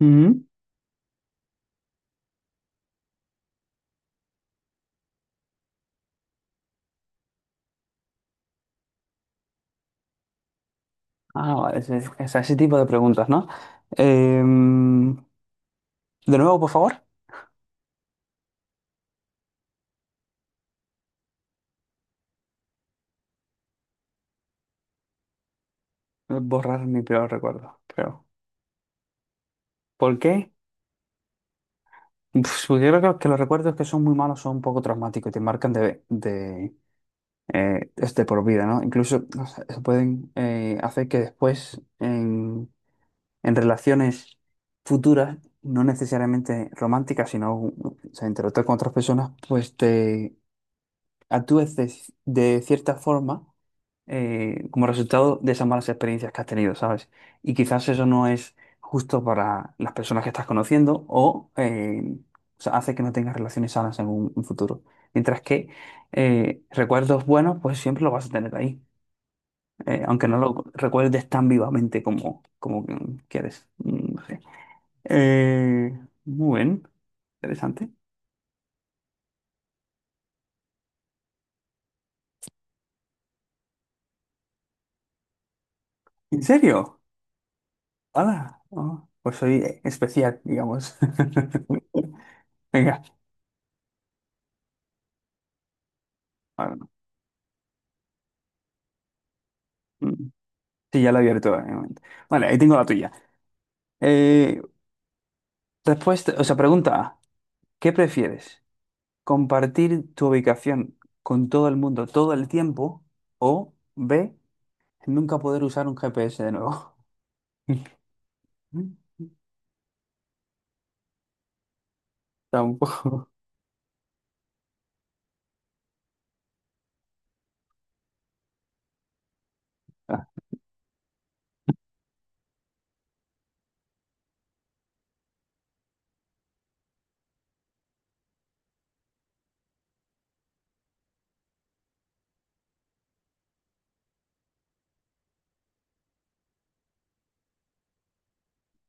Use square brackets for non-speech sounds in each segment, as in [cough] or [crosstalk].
Ujú. Ah, ese sí, ese tipo de preguntas, ¿no? Em, de nuevo, por favor, borrar mi peor recuerdo, creo. ¿Por qué? Pues, porque yo creo que los recuerdos que son muy malos son un poco traumáticos y te marcan de, es de por vida, ¿no? Incluso no sé, se pueden hacer que después en relaciones futuras, no necesariamente románticas, sino o sea, interactuar con otras personas, pues te actúes de cierta forma como resultado de esas malas experiencias que has tenido, ¿sabes? Y quizás eso no es justo para las personas que estás conociendo o sea, hace que no tengas relaciones sanas en un futuro. Mientras que recuerdos buenos, pues siempre lo vas a tener ahí, aunque no lo recuerdes tan vivamente como que quieres. No sé. Eh, Muy bien, interesante. ¿En serio? Hola, oh, pues soy especial, digamos. [laughs] Venga, ah, mm, sí, ya lo he abierto. Un momento. Vale, ahí tengo la tuya. Eh, Respuesta, o sea, pregunta A, ¿qué prefieres? ¿Compartir tu ubicación con todo el mundo todo el tiempo? O B, nunca poder usar un GPS de nuevo. [laughs] Tampoco. Ah,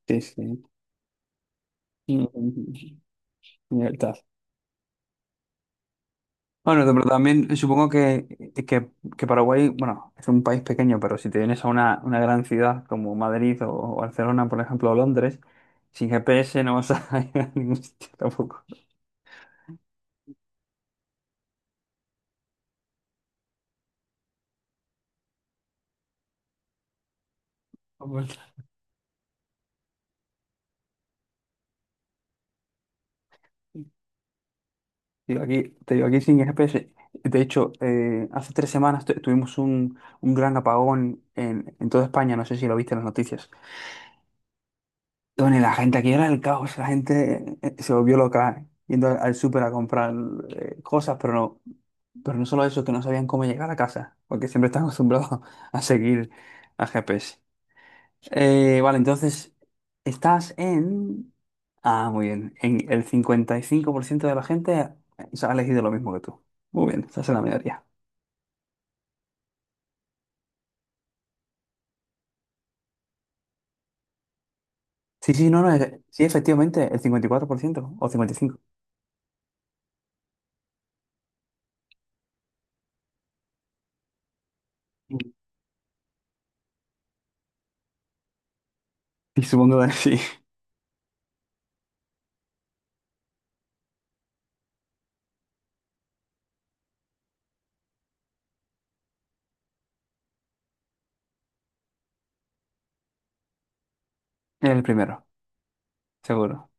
sí, sí. Mm, Libertad. Bueno, pero también supongo que Paraguay, bueno, es un país pequeño, pero si te vienes a una gran ciudad como Madrid o Barcelona, por ejemplo, o Londres, sin GPS no vas [laughs] a ir a ningún sitio tampoco. Vamos. Digo, aquí, te digo, aquí sin GPS. De hecho, hace 3 semanas tuvimos un gran apagón en toda España, no sé si lo viste en las noticias. Bueno, y la gente aquí era el caos, la gente se volvió loca, ¿eh?, yendo al súper a comprar cosas, pero no, no solo eso, que no sabían cómo llegar a casa, porque siempre están [laughs] acostumbrados a seguir a GPS. Vale, entonces, estás en. Ah, muy bien, en el 55% de la gente o ha elegido lo mismo que tú. Muy bien, esa es la mayoría. Sí, sí, no, no, sí, efectivamente, el 54% o 55%. [laughs] Y supongo que sí, es el primero, seguro.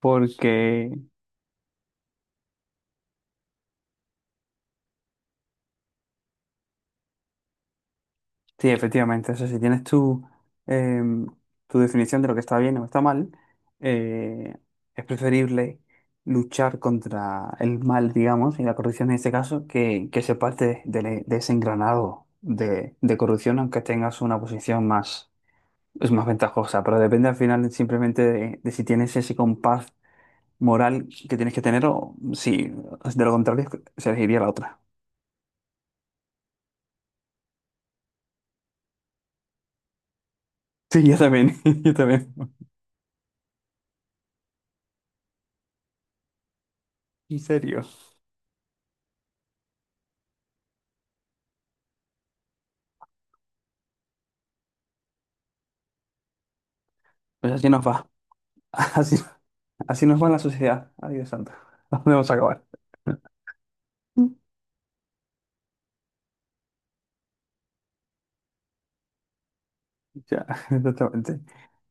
Porque. Sí, efectivamente. O sea, si tienes em, tu definición de lo que está bien o está mal, eh, es preferible luchar contra el mal, digamos, y la corrupción en este caso, que ser parte de ese engranado de corrupción, aunque tengas una posición más, es más ventajosa. Pero depende al final simplemente de si tienes ese compás moral que tienes que tener o si de lo contrario se elegiría la otra. [laughs] Sí, yo también, [laughs] yo también. En serio. Pues así nos va. [laughs] Así, así nos va la sociedad. Ay, Dios santo. [laughs] ¿Dónde vamos a acabar? Ya, [laughs] exactamente.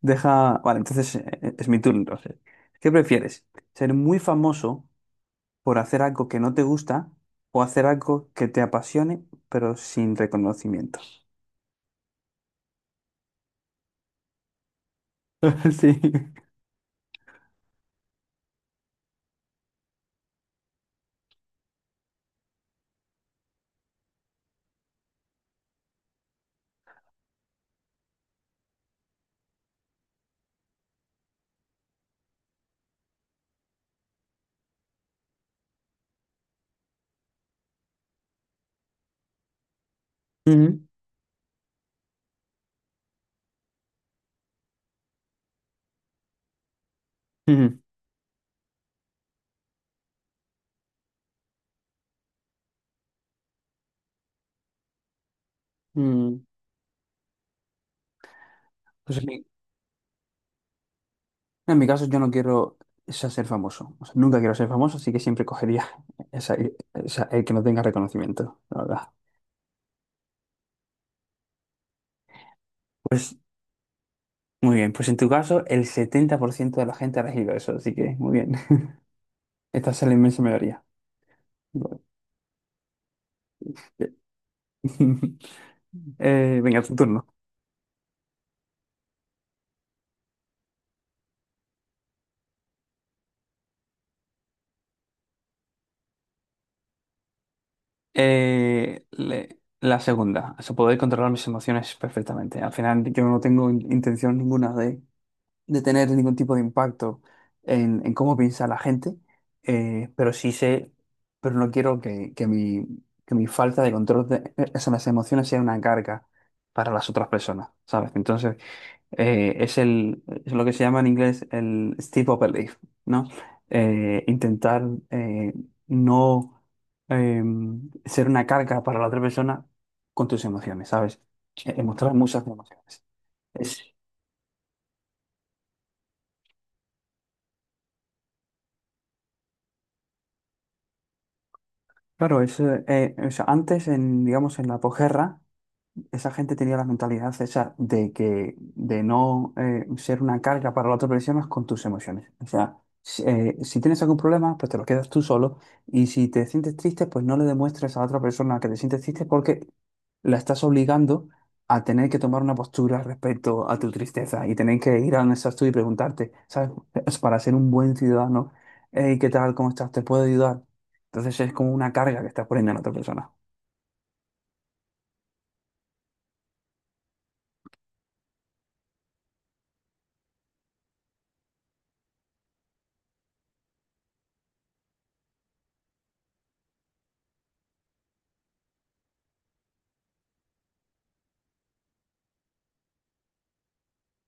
Deja. Vale, entonces es mi turno. Entonces, ¿qué prefieres? ¿Ser muy famoso por hacer algo que no te gusta o hacer algo que te apasione pero sin reconocimiento? [laughs] Sí. Ujú, ujú, mm. Pues en mi caso, yo no quiero ser famoso. O sea, nunca quiero ser famoso, así que siempre cogería [laughs] esa, el que no tenga reconocimiento, la verdad. Muy bien, pues en tu caso el 70% de la gente ha elegido eso, así que muy bien. [laughs] Esta es la inmensa mayoría. [laughs] Venga, tu turno. La segunda, o sea, poder controlar mis emociones perfectamente. Al final yo no tengo intención ninguna de tener ningún tipo de impacto en cómo piensa la gente, pero sí sé, pero no quiero que mi falta de control esas las emociones sea una carga para las otras personas, ¿sabes? Entonces. Es lo que se llama en inglés el steep up belief, ¿no? Intentar eh, no eh, ser una carga para la otra persona con tus emociones, ¿sabes? Mostrar muchas emociones. Es, claro, o sea, antes, digamos, en la posguerra, esa gente tenía la mentalidad esa de que de no ser una carga para la otra persona con tus emociones. O sea, si tienes algún problema, pues te lo quedas tú solo y si te sientes triste, pues no le demuestres a la otra persona que te sientes triste porque la estás obligando a tener que tomar una postura respecto a tu tristeza y tener que ir a un tú y preguntarte, ¿sabes? Es Para ser un buen ciudadano, "Hey, ¿qué tal? ¿Cómo estás? ¿Te puedo ayudar? Entonces es como una carga que estás poniendo a la otra persona.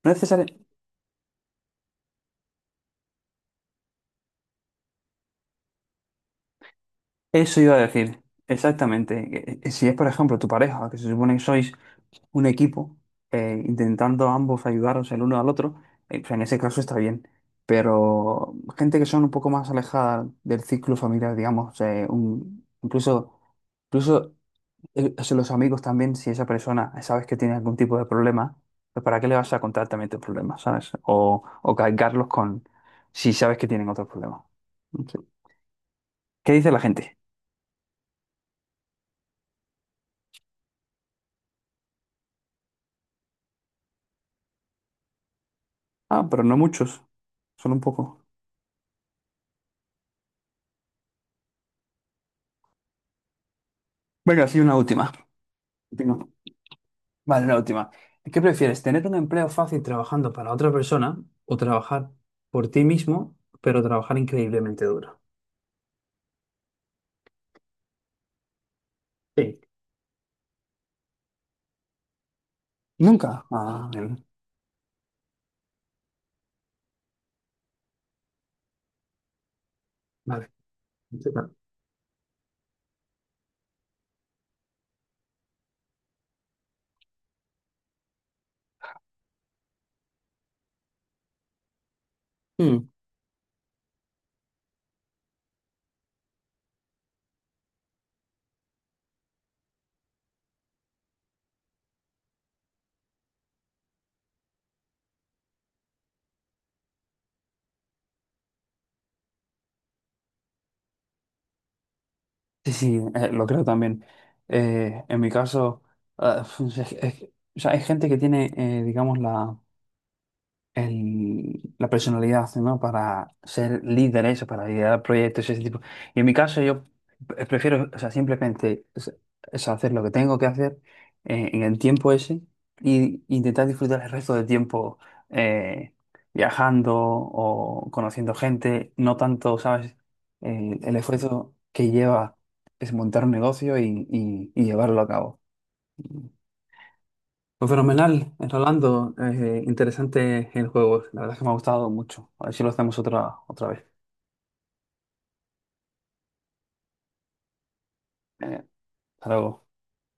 No es necesario. Eso iba a decir, exactamente. Si es, por ejemplo, tu pareja, que se supone que sois un equipo, intentando ambos ayudaros el uno al otro, pues en ese caso está bien. Pero gente que son un poco más alejada del círculo familiar, digamos, incluso, o sea, los amigos también, si esa persona sabes que tiene algún tipo de problema, pues ¿para qué le vas a contar también tus problemas, ¿sabes? O cargarlos con si sabes que tienen otros problemas. No sé. ¿Qué dice la gente? Ah, pero no muchos, solo un poco. Venga, sí, una última. Última. Vale, la última. ¿Qué prefieres, tener un empleo fácil trabajando para otra persona o trabajar por ti mismo, pero trabajar increíblemente duro? Sí, nunca. Ah, bien. Vale. Sí, claro. Mm, sí, sí, lo creo también. En mi caso, ah, [laughs] es- es- o sea, hay gente que tiene, digamos, la personalidad, ¿no? Para ser líderes, para liderar proyectos, ese tipo. Y en mi caso, yo prefiero, o sea, simplemente es hacer lo que tengo que hacer en el tiempo ese y intentar disfrutar el resto del tiempo eh, viajando o conociendo gente, no tanto, ¿sabes? El esfuerzo que lleva es montar un negocio y llevarlo a cabo. Pues fenomenal, Rolando. Interesante el juego. La verdad es que me ha gustado mucho. A ver si lo hacemos otra vez. Eh, Hasta luego.